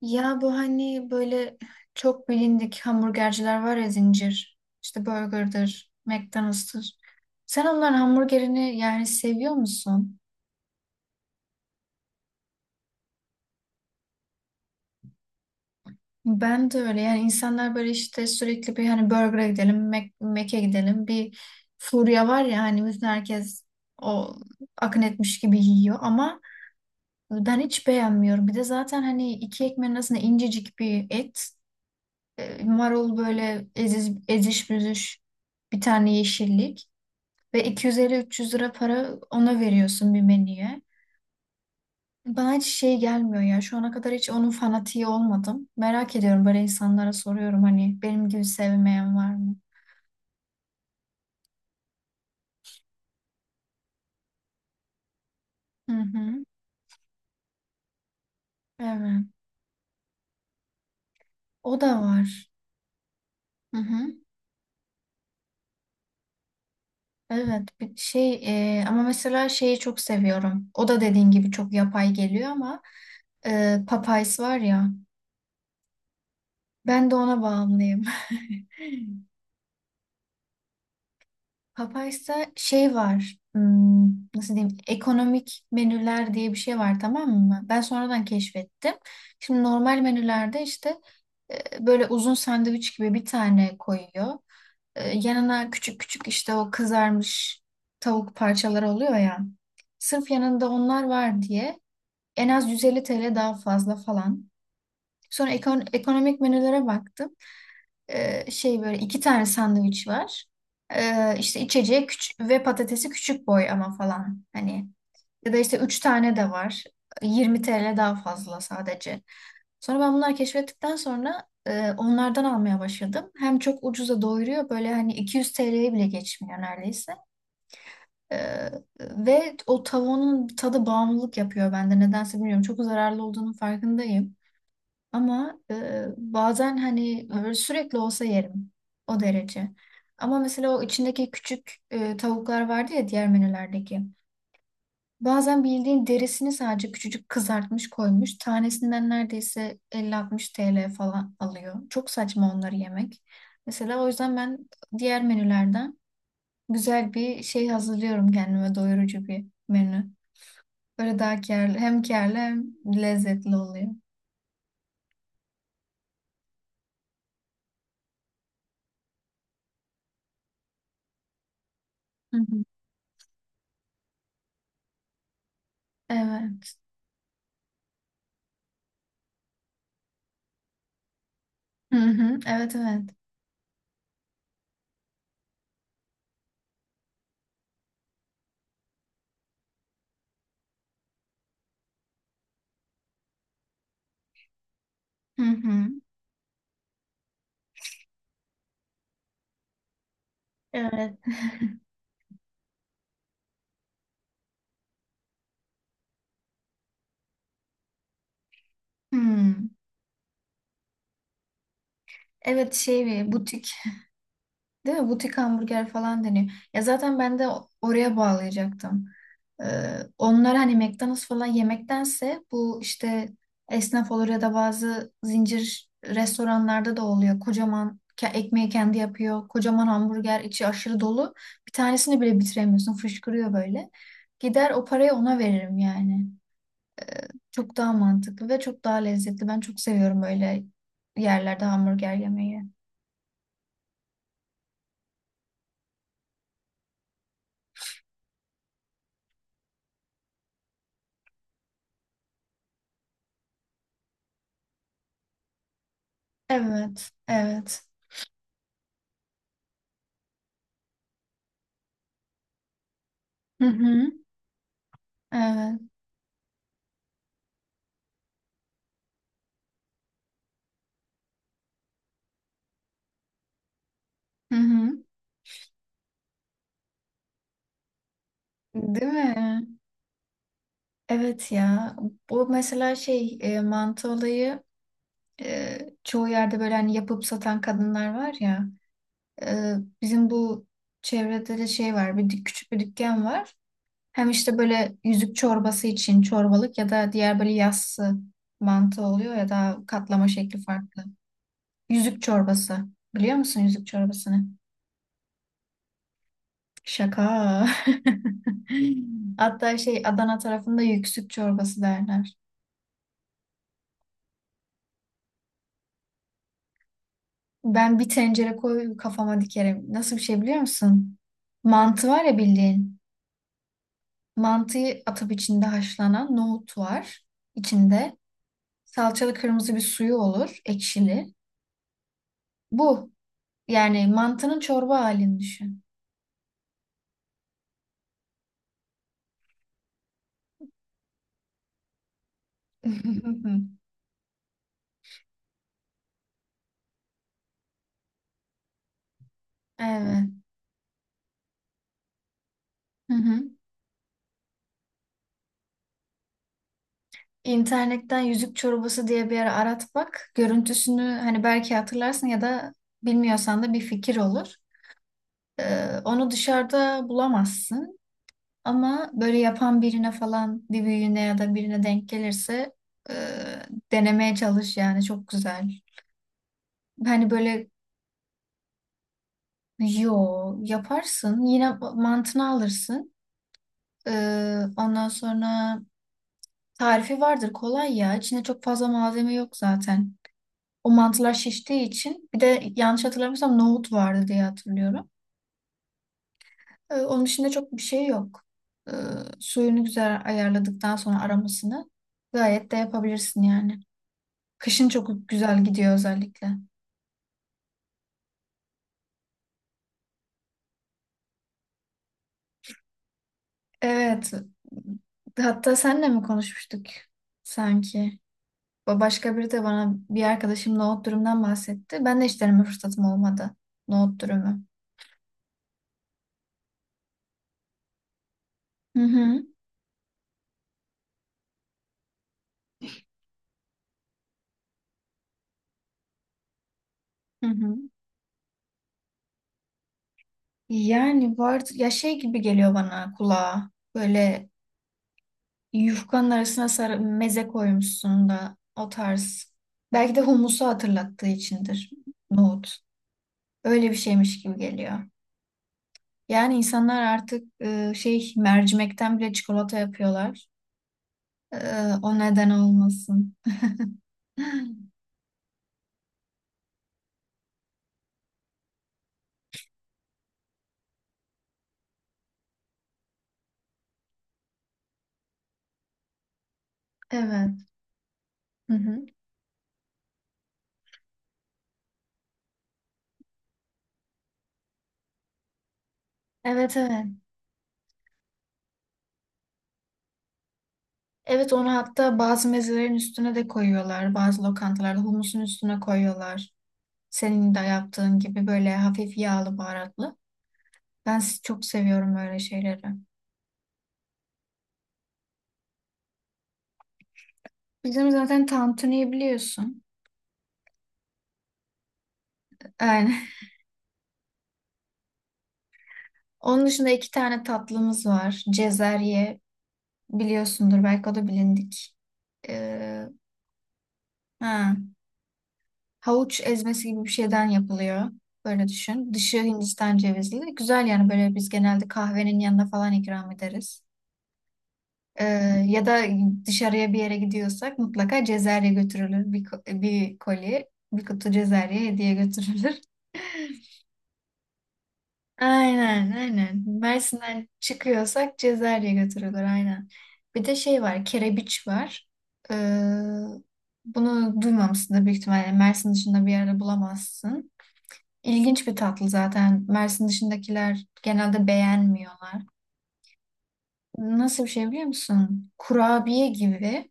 Ya bu hani böyle çok bilindik hamburgerciler var ya zincir. İşte Burger'dır, McDonald's'tır. Sen onların hamburgerini yani seviyor musun? Ben de öyle yani insanlar böyle işte sürekli bir hani Burger'a gidelim, Mac'e gidelim. Bir furya var ya hani bütün herkes o akın etmiş gibi yiyor ama ben hiç beğenmiyorum. Bir de zaten hani iki ekmeğin arasında incecik bir et, marul böyle eziş büzüş bir tane yeşillik. Ve iki yüz elli üç yüz lira para ona veriyorsun bir menüye. Bana hiç şey gelmiyor ya. Şu ana kadar hiç onun fanatiği olmadım. Merak ediyorum, böyle insanlara soruyorum hani benim gibi sevmeyen var mı? Hı hı. Evet. O da var. Hı hı. Evet. Ama mesela şeyi çok seviyorum. O da dediğin gibi çok yapay geliyor ama Popeyes var ya. Ben de ona bağımlıyım. Papay'sa şey var. Nasıl diyeyim? Ekonomik menüler diye bir şey var, tamam mı? Ben sonradan keşfettim. Şimdi normal menülerde işte böyle uzun sandviç gibi bir tane koyuyor. Yanına küçük küçük işte o kızarmış tavuk parçaları oluyor ya. Sırf yanında onlar var diye en az 150 TL daha fazla falan. Sonra ekonomik menülere baktım. Şey böyle iki tane sandviç var. İşte içeceği küçük ve patatesi küçük boy ama falan. Hani ya da işte üç tane de var. 20 TL daha fazla sadece. Sonra ben bunları keşfettikten sonra onlardan almaya başladım. Hem çok ucuza doyuruyor, böyle hani 200 TL'ye bile geçmiyor neredeyse. Ee, Ve o tavuğun tadı bağımlılık yapıyor bende. Nedense bilmiyorum. Çok zararlı olduğunun farkındayım. Ama bazen hani böyle sürekli olsa yerim. O derece. Ama mesela o içindeki küçük tavuklar vardı ya diğer menülerdeki. Bazen bildiğin derisini sadece küçücük kızartmış koymuş. Tanesinden neredeyse 50-60 TL falan alıyor. Çok saçma onları yemek. Mesela o yüzden ben diğer menülerden güzel bir şey hazırlıyorum kendime, doyurucu bir menü. Böyle daha kârlı, hem kârlı hem lezzetli oluyor. Hı hı. Evet. Hı hı. Evet, evet. Hı hı. Evet. Hmm. Evet, butik değil mi? Butik hamburger falan deniyor. Ya zaten ben de oraya bağlayacaktım. Onlar hani McDonald's falan yemektense bu işte esnaf olur ya da bazı zincir restoranlarda da oluyor. Kocaman ekmeği kendi yapıyor. Kocaman hamburger, içi aşırı dolu. Bir tanesini bile bitiremiyorsun. Fışkırıyor böyle. Gider o parayı ona veririm yani. Çok daha mantıklı ve çok daha lezzetli. Ben çok seviyorum öyle yerlerde hamburger yemeyi. Evet, evet. Hı hı, evet. Hı hı. Değil mi? Evet ya. Bu mesela mantı olayı e, çoğu yerde böyle hani yapıp satan kadınlar var ya. E, Bizim bu çevrede de şey var. Bir küçük bir dükkan var. Hem işte böyle yüzük çorbası için çorbalık ya da diğer böyle yassı mantı oluyor ya da katlama şekli farklı. Yüzük çorbası. Biliyor musun yüzük çorbasını? Şaka. Hatta şey, Adana tarafında yüksük çorbası derler. Ben bir tencere koy kafama, dikerim. Nasıl bir şey biliyor musun? Mantı var ya bildiğin. Mantıyı atıp içinde haşlanan nohut var içinde. Salçalı kırmızı bir suyu olur, ekşili. Bu, yani mantının çorba halini düşün. Evet. Hı hı. İnternetten yüzük çorbası diye bir ara arat bak. Görüntüsünü hani belki hatırlarsın ya da bilmiyorsan da bir fikir olur. Onu dışarıda bulamazsın. Ama böyle yapan birine falan, bir büyüğüne ya da birine denk gelirse e, denemeye çalış yani, çok güzel. Hani böyle, yo, yaparsın yine mantını alırsın. Ondan sonra tarifi vardır, kolay ya. İçinde çok fazla malzeme yok zaten. O mantılar şiştiği için, bir de yanlış hatırlamıyorsam nohut vardı diye hatırlıyorum. Onun dışında çok bir şey yok. Ee, Suyunu güzel ayarladıktan sonra aramasını gayet de yapabilirsin yani. Kışın çok güzel gidiyor özellikle. Evet. Hatta senle mi konuşmuştuk sanki? Başka biri de, bana bir arkadaşım nohut dürümden bahsetti. Ben de hiç deneme fırsatım olmadı. Nohut dürümü. Hı hı. Hı hı. Yani var ya, şey gibi geliyor bana kulağa. Böyle yufkanın arasına sarı meze koymuşsun da o tarz. Belki de humusu hatırlattığı içindir. Nohut. Öyle bir şeymiş gibi geliyor. Yani insanlar artık mercimekten bile çikolata yapıyorlar. E, O neden olmasın. Evet. Hı hı. Evet, evet. Evet, onu hatta bazı mezelerin üstüne de koyuyorlar. Bazı lokantalarda humusun üstüne koyuyorlar. Senin de yaptığın gibi, böyle hafif yağlı baharatlı. Ben çok seviyorum öyle şeyleri. Bizim zaten tantuniyi biliyorsun. Yani onun dışında iki tane tatlımız var. Cezerye, biliyorsundur belki, o da bilindik. Ee, ha, Havuç ezmesi gibi bir şeyden yapılıyor. Böyle düşün. Dışı Hindistan cevizli. Güzel yani, böyle biz genelde kahvenin yanına falan ikram ederiz. Ee, Ya da dışarıya bir yere gidiyorsak mutlaka cezerye götürülür. Bir koli, bir kutu cezerye hediye götürülür. Aynen, aynen. Mersin'den çıkıyorsak Cezayir'e götürülür aynen. Bir de şey var, kerebiç var. Ee, Bunu duymamışsındır, büyük ihtimalle Mersin dışında bir yerde bulamazsın. İlginç bir tatlı zaten. Mersin dışındakiler genelde beğenmiyorlar. Nasıl bir şey biliyor musun? Kurabiye gibi.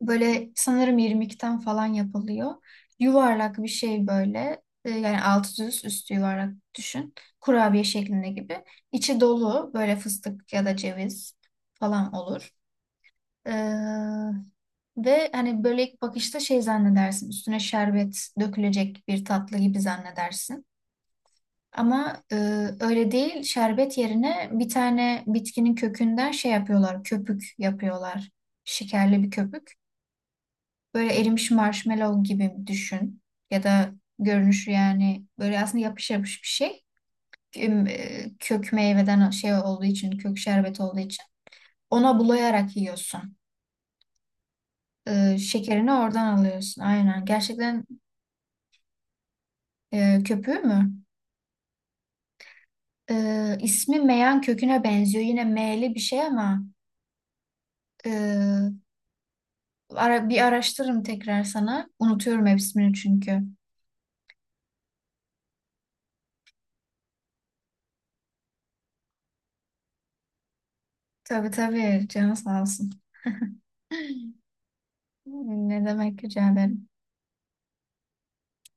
Böyle sanırım irmikten falan yapılıyor. Yuvarlak bir şey böyle. Yani altı düz, üstü yuvarlak düşün. Kurabiye şeklinde gibi. İçi dolu böyle, fıstık ya da ceviz falan olur. Ee, Ve hani böyle ilk bakışta şey zannedersin. Üstüne şerbet dökülecek bir tatlı gibi zannedersin. Ama öyle değil. Şerbet yerine bir tane bitkinin kökünden şey yapıyorlar. Köpük yapıyorlar. Şekerli bir köpük. Böyle erimiş marshmallow gibi düşün. Ya da görünüşü yani, böyle aslında yapış yapış bir şey. Kök meyveden şey olduğu için, kök şerbeti olduğu için. Ona bulayarak yiyorsun. Şekerini oradan alıyorsun. Aynen. Gerçekten köpüğü mü? İsmi meyan köküne benziyor. Yine meyli bir şey ama e, bir araştırırım tekrar sana. Unutuyorum hep ismini çünkü. Tabii, tabii. Canı sağ olsun. Ne demek, rica ederim.